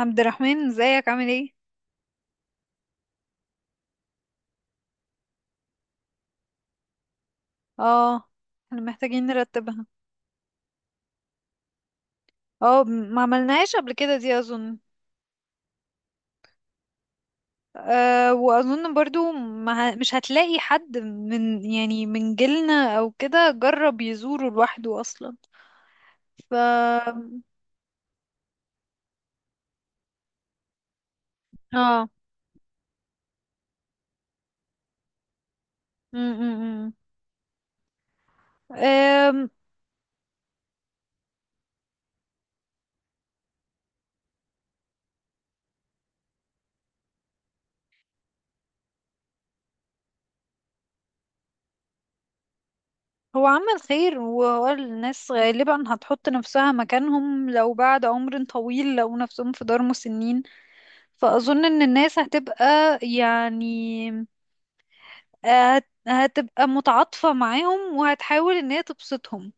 عبد الرحمن، ازيك؟ عامل ايه؟ اه، احنا محتاجين نرتبها. اه، ما عملناهاش قبل كده دي اظن. أه، واظن برضو ما ه- مش هتلاقي حد من يعني من جيلنا او كده جرب يزوره لوحده اصلا. ف اه م- م- م. أم، هو عمل خير، وهو الناس غالبا هتحط نفسها مكانهم لو بعد عمر طويل لو نفسهم في دار مسنين. فأظن إن الناس هتبقى، يعني هتبقى متعاطفة معاهم وهتحاول ان هي تبسطهم.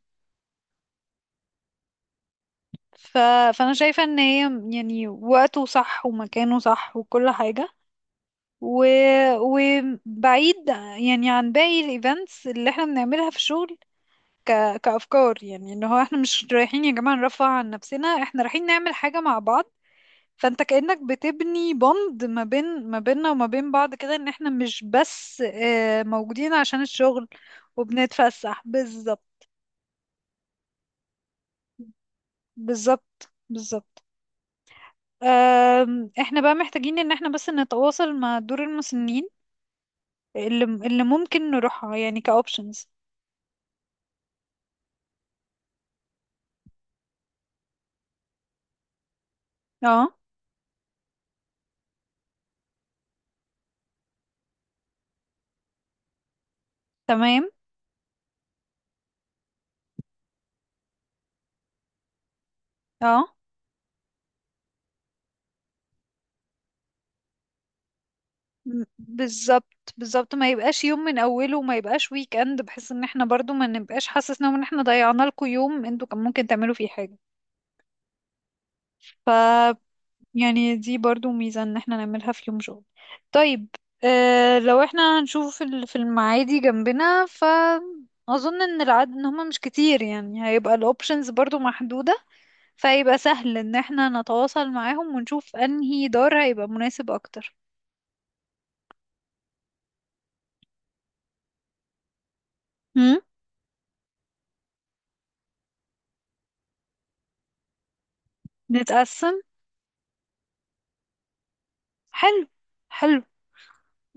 ف... فانا شايفة ان هي يعني وقته صح ومكانه صح وكل حاجة، و... وبعيد يعني عن باقي الايفنتس اللي احنا بنعملها في الشغل. كأفكار، يعني ان هو احنا مش رايحين يا جماعة نرفع عن نفسنا، احنا رايحين نعمل حاجة مع بعض. فانت كأنك بتبني بوند ما بين ما بيننا وما بين بعض كده، ان احنا مش بس موجودين عشان الشغل. وبنتفسح بالظبط. بالظبط، بالظبط. احنا بقى محتاجين ان احنا بس نتواصل مع دور المسنين اللي ممكن نروحها يعني كاوبشنز. اه، تمام. اه، بالظبط، بالظبط. ما يبقاش يوم من اوله وما يبقاش ويك اند، بحيث ان احنا برضو ما نبقاش حاسسنا ان احنا ضيعنا لكم يوم انتوا كان ممكن تعملوا فيه حاجة. يعني دي برضو ميزة ان احنا نعملها في يوم شغل. طيب. اه، لو احنا هنشوف في في المعادي جنبنا، ف اظن ان العدد ان هما مش كتير، يعني هيبقى الاوبشنز برضو محدودة. فهيبقى سهل ان احنا نتواصل معاهم ونشوف انهي دار هيبقى مناسب اكتر. هم؟ نتقسم. حلو، حلو.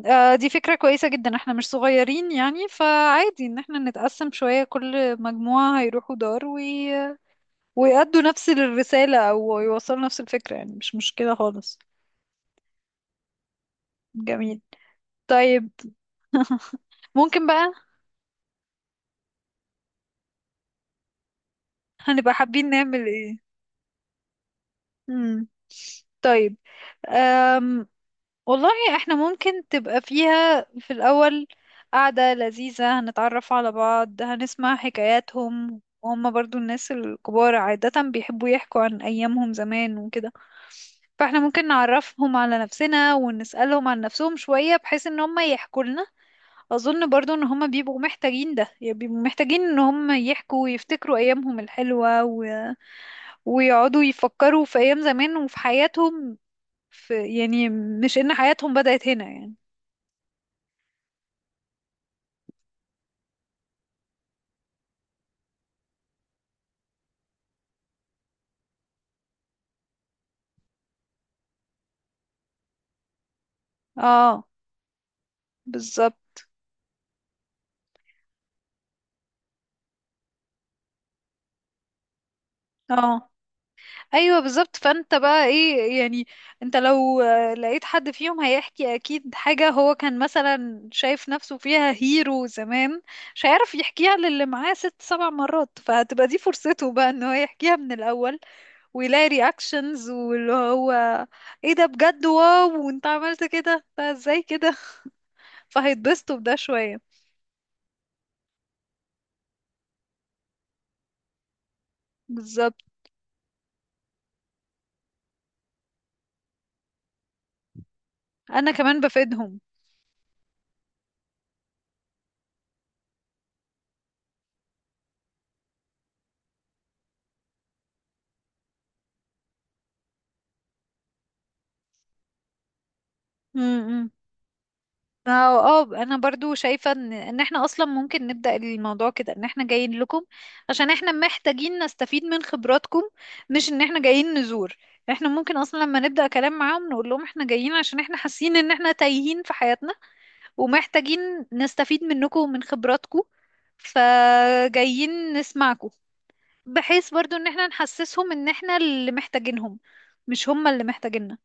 آه، دي فكرة كويسة جدا، احنا مش صغيرين يعني، فعادي ان احنا نتقسم شوية. كل مجموعة هيروحوا دار ويأدوا نفس الرسالة أو يوصلوا نفس الفكرة، يعني مش مشكلة خالص. جميل. طيب. ممكن بقى. هنبقى حابين نعمل ايه؟ مم. طيب. أم. والله، احنا ممكن تبقى فيها في الأول قعدة لذيذة، هنتعرف على بعض، هنسمع حكاياتهم، وهم برضو الناس الكبار عادة بيحبوا يحكوا عن أيامهم زمان وكده. فاحنا ممكن نعرفهم على نفسنا ونسألهم عن نفسهم شوية بحيث ان هم يحكوا لنا. اظن برضو ان هما بيبقوا محتاجين ده، يعني بيبقوا محتاجين ان هما يحكوا ويفتكروا ايامهم الحلوة ويقعدوا يفكروا في ايام زمان وفي حياتهم، في يعني مش ان حياتهم بدأت هنا يعني. اه، بالظبط. اه، ايوه بالظبط. فانت بقى ايه يعني؟ انت لو لقيت حد فيهم هيحكي اكيد حاجة هو كان مثلا شايف نفسه فيها هيرو زمان، مش هيعرف يحكيها للي معاه ست سبع مرات، فهتبقى دي فرصته بقى ان هو يحكيها من الاول ويلاقي رياكشنز، واللي هو ايه ده بجد؟ واو، وانت عملت كده؟ ده ازاي كده؟ فهيتبسطوا بده شوية. بالظبط، انا كمان بفيدهم. م- م. ما هو، اه، انا برضو شايفة ان احنا اصلا ممكن نبدأ الموضوع كده، ان احنا جايين لكم عشان احنا محتاجين نستفيد من خبراتكم، مش ان احنا جايين نزور. احنا ممكن اصلا لما نبدأ كلام معاهم نقول لهم احنا جايين عشان احنا حاسين ان احنا تايهين في حياتنا ومحتاجين نستفيد منكم ومن خبراتكم، فجايين نسمعكم، بحيث برضو ان احنا نحسسهم ان احنا اللي محتاجينهم، مش هم اللي محتاجيننا.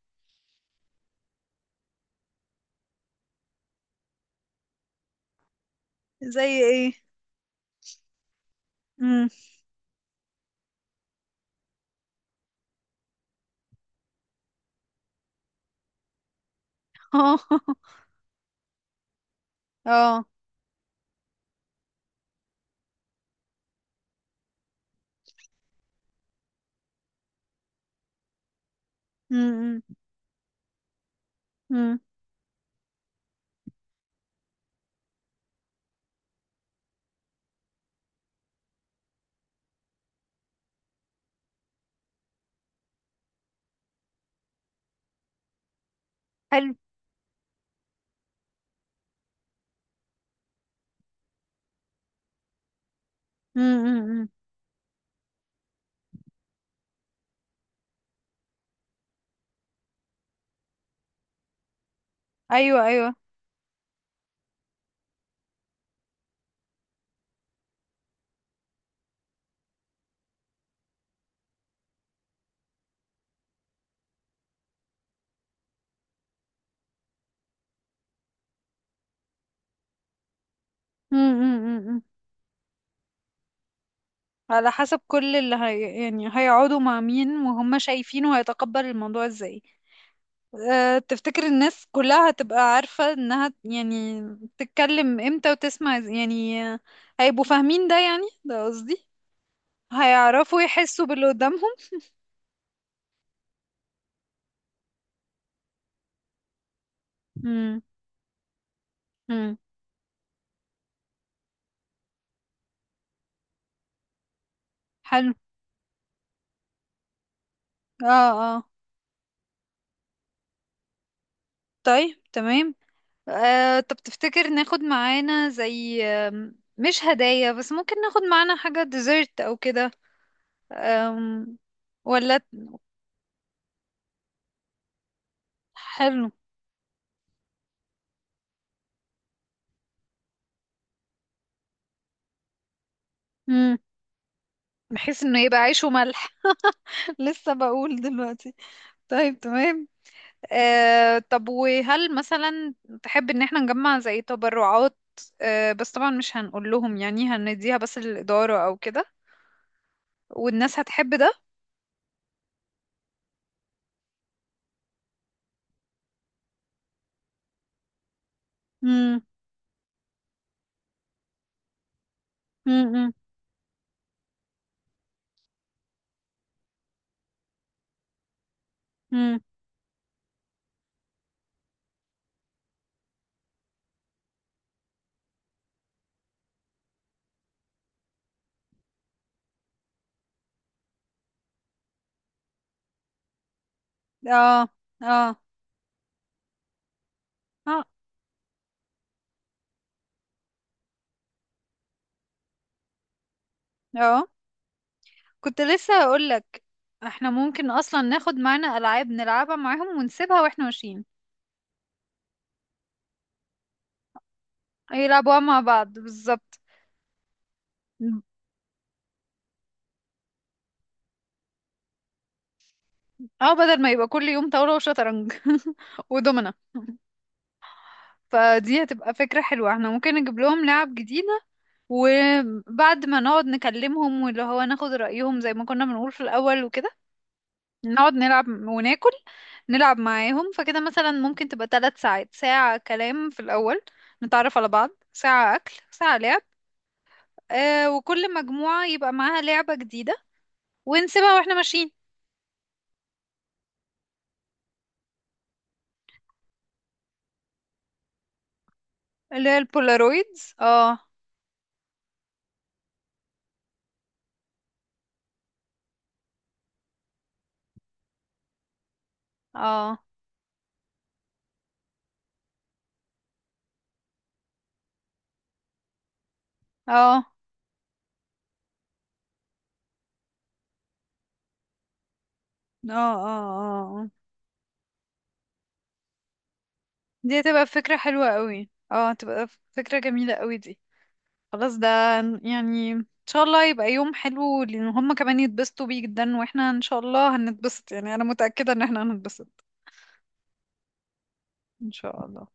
زي ايه؟ امم. اه، اه. امم. حلو. امم. ايوه، ايوه. امم. على حسب كل اللي هي يعني هيقعدوا مع مين وهم شايفينه هيتقبل الموضوع ازاي. أه، تفتكر الناس كلها هتبقى عارفة انها يعني تتكلم امتى وتسمع يعني هيبقوا فاهمين ده؟ يعني ده قصدي، هيعرفوا يحسوا باللي قدامهم؟ امم. امم. حلو. اه، اه. طيب، تمام. طب تفتكر ناخد معانا زي مش هدايا بس ممكن ناخد معانا حاجة ديزرت او كده؟ آم، ولا؟ حلو. مم. بحيث انه يبقى عيش وملح. لسه بقول دلوقتي. طيب، تمام. طب وهل مثلا تحب ان احنا نجمع زي تبرعات؟ بس طبعا مش هنقول لهم يعني، هنديها بس للإدارة او كده. والناس هتحب ده؟ مم. مم. مم. مم. اه، اه، اه، اه. كنت لسه هقولك، احنا ممكن اصلا ناخد معانا العاب نلعبها معاهم ونسيبها واحنا ماشيين. يلعبوها مع بعض بالظبط. اه، بدل ما يبقى كل يوم طاولة وشطرنج. ودومنا. فدي هتبقى فكرة حلوة، احنا ممكن نجيب لهم لعب جديدة، وبعد ما نقعد نكلمهم واللي هو ناخد رأيهم زي ما كنا بنقول في الأول وكده، نقعد نلعب وناكل، نلعب معاهم. فكده مثلا ممكن تبقى 3 ساعات، ساعة كلام في الأول نتعرف على بعض، ساعة أكل، ساعة لعب. وكل مجموعة يبقى معاها لعبة جديدة ونسيبها واحنا ماشيين. اللي هي البولارويدز. اه، اه، اه، اه، اه، اه، دي هتبقى فكرة حلوة قوي. اه، هتبقى فكرة جميلة قوي دي. خلاص ده، يعني ان شاء الله يبقى يوم حلو لان هما كمان يتبسطوا بيه جدا، واحنا ان شاء الله هنتبسط، يعني انا متأكدة ان احنا هنتبسط ان شاء الله.